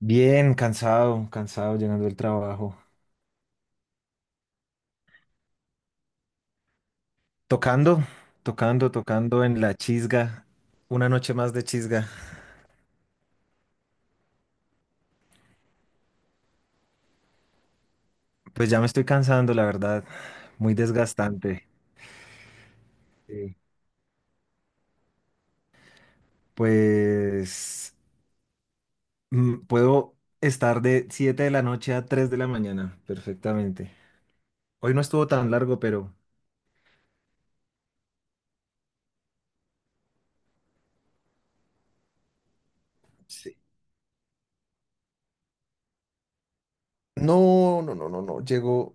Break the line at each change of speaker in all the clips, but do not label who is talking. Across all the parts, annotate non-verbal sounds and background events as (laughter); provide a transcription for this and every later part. Bien, cansado, cansado llegando del trabajo. Tocando, tocando, tocando en la chisga. Una noche más de chisga. Pues ya me estoy cansando, la verdad. Muy desgastante. Sí. Pues puedo estar de 7 de la noche a 3 de la mañana, perfectamente. Hoy no estuvo tan largo, pero... Sí. No, no, no, no, no. Llegó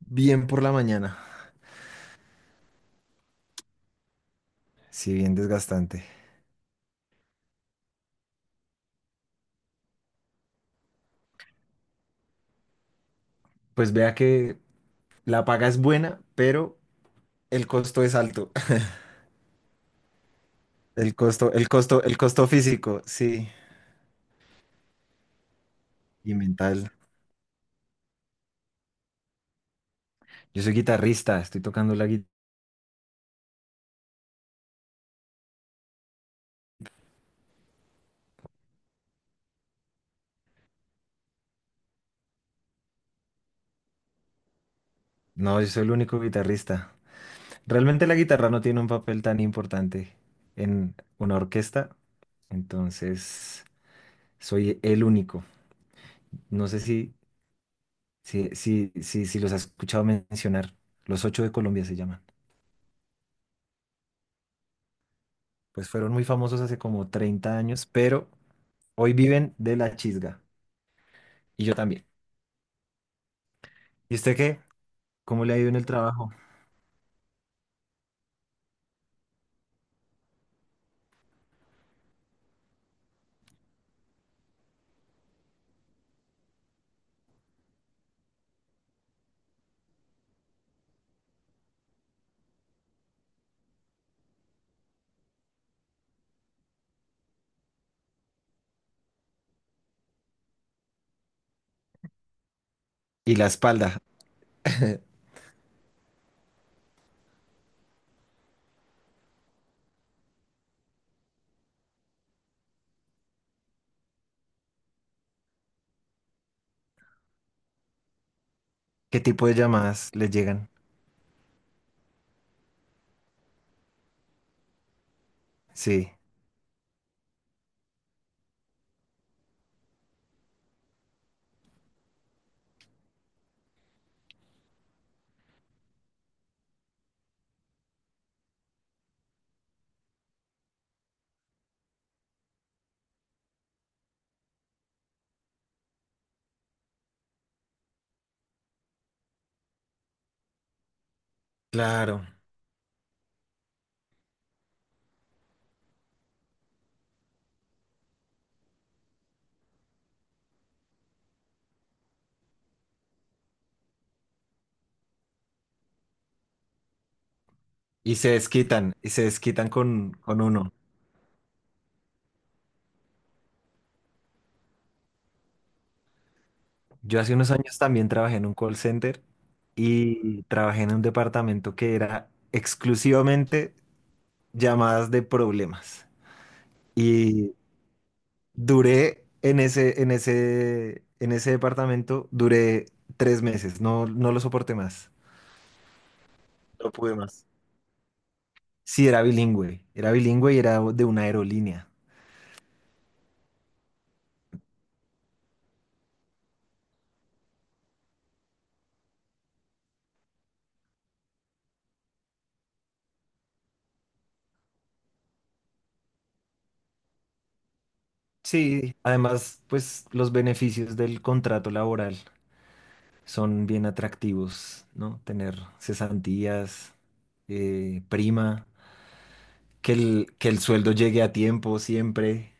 bien por la mañana. Sí, bien desgastante. Pues vea que la paga es buena, pero el costo es alto. El costo, el costo, el costo físico, sí, y mental. Yo soy guitarrista, estoy tocando la guitarra. No, yo soy el único guitarrista. Realmente la guitarra no tiene un papel tan importante en una orquesta, entonces soy el único. No sé si los has escuchado mencionar. Los Ocho de Colombia se llaman. Pues fueron muy famosos hace como 30 años, pero hoy viven de la chisga. Y yo también. ¿Y usted qué? ¿Cómo le ha ido en el trabajo? Y la espalda. ¿Qué tipo de llamadas les llegan? Sí, claro. Y se desquitan con uno. Yo hace unos años también trabajé en un call center y trabajé en un departamento que era exclusivamente llamadas de problemas. Y duré en ese departamento, duré 3 meses, no, no lo soporté más. No pude más. Sí, era bilingüe y era de una aerolínea. Sí, además, pues los beneficios del contrato laboral son bien atractivos, ¿no? Tener cesantías, prima, que el sueldo llegue a tiempo siempre,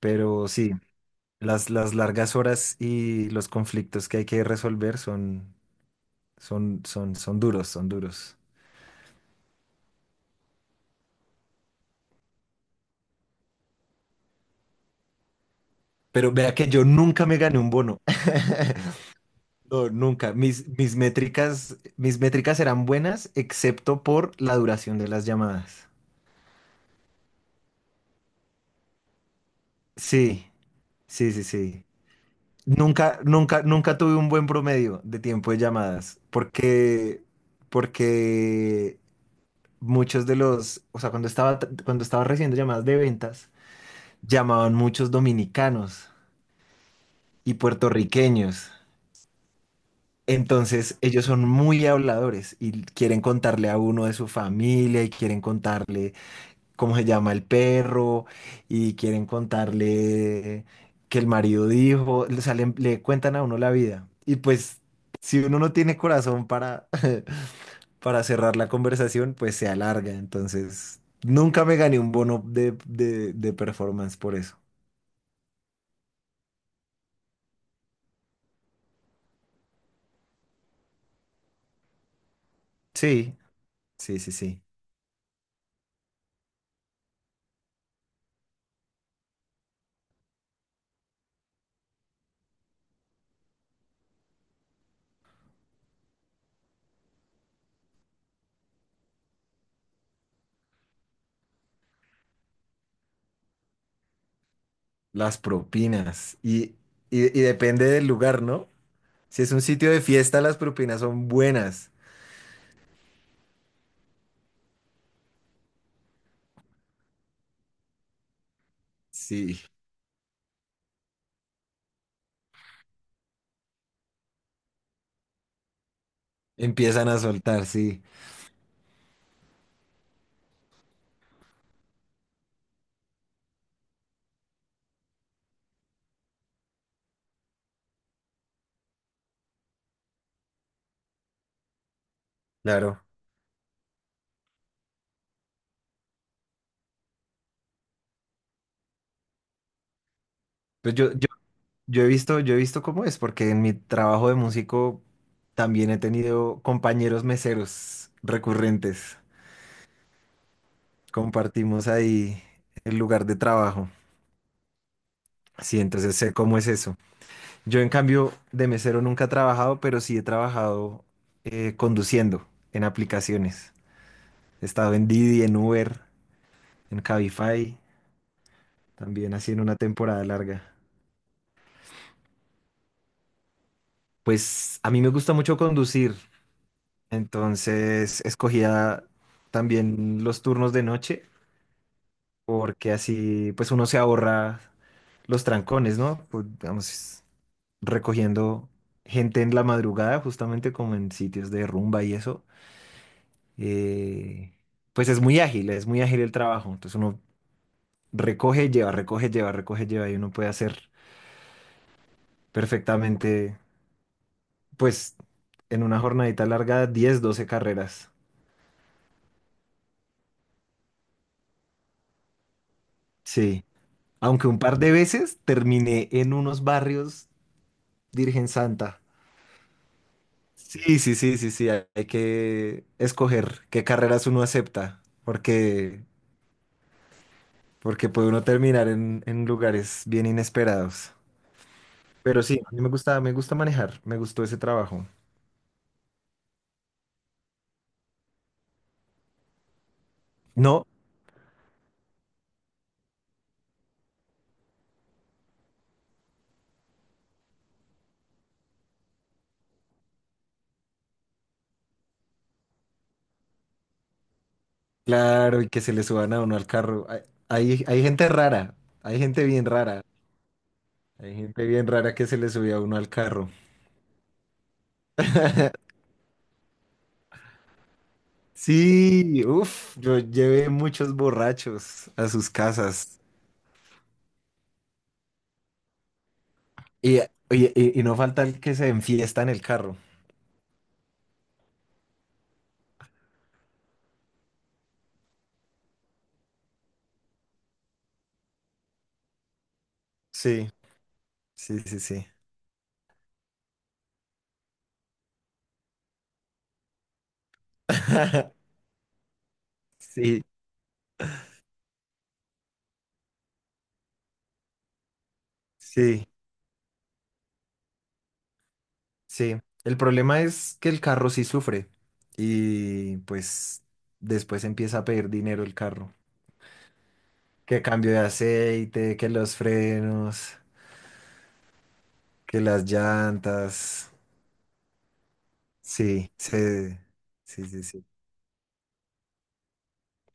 pero sí, las largas horas y los conflictos que hay que resolver son duros, son duros. Pero vea que yo nunca me gané un bono. No, nunca. Mis métricas eran buenas, excepto por la duración de las llamadas. Sí, sí, sí, sí. Nunca, nunca, nunca tuve un buen promedio de tiempo de llamadas, porque muchos de los, o sea, cuando estaba recibiendo llamadas de ventas, llamaban muchos dominicanos y puertorriqueños. Entonces, ellos son muy habladores y quieren contarle a uno de su familia y quieren contarle cómo se llama el perro y quieren contarle que el marido dijo, o sea, le cuentan a uno la vida. Y pues si uno no tiene corazón para, (laughs) para cerrar la conversación, pues se alarga. Entonces, nunca me gané un bono de performance por eso. Sí, sí, sí, sí. Las propinas. Y depende del lugar, ¿no? Si es un sitio de fiesta, las propinas son buenas. Sí, empiezan a soltar, sí, claro. Pues yo, yo he visto cómo es, porque en mi trabajo de músico también he tenido compañeros meseros recurrentes. Compartimos ahí el lugar de trabajo. Sí, entonces sé cómo es eso. Yo en cambio de mesero nunca he trabajado, pero sí he trabajado conduciendo en aplicaciones. He estado en Didi, en Uber, en Cabify, también así en una temporada larga. Pues a mí me gusta mucho conducir. Entonces escogía también los turnos de noche porque así pues uno se ahorra los trancones, ¿no? Pues, digamos, recogiendo gente en la madrugada, justamente como en sitios de rumba y eso. eh, pues es muy ágil el trabajo. Entonces uno recoge, lleva, recoge, lleva, recoge, lleva y uno puede hacer perfectamente pues en una jornadita larga 10, 12 carreras. Sí. Aunque un par de veces terminé en unos barrios Virgen Santa. Sí, sí, sí, sí, sí. Hay que escoger qué carreras uno acepta, porque puede uno terminar en lugares bien inesperados. Pero sí, a mí me gusta manejar, me gustó ese trabajo. No, claro, y que se le suban a uno al carro. Hay gente rara, hay gente bien rara, hay gente bien rara que se le subía a uno al carro. (laughs) Sí, uff, yo llevé muchos borrachos a sus casas. Y, oye, y no falta el que se enfiesta en el carro. Sí, sí, sí, sí. (laughs) Sí, sí, sí. El problema es que el carro sí sufre. Y pues después empieza a pedir dinero el carro. Que cambio de aceite, que los frenos, que las llantas. Sí, sí, sí, sí.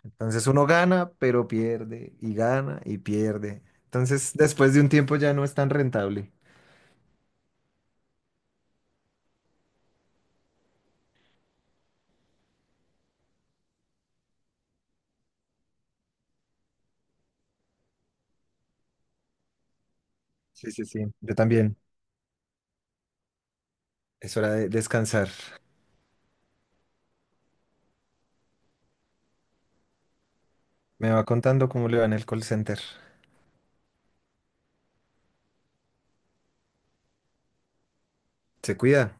Entonces uno gana, pero pierde, y gana, y pierde. Entonces después de un tiempo ya no es tan rentable. Sí, sí, sí. Yo también. Es hora de descansar. Me va contando cómo le va en el call center. Se cuida.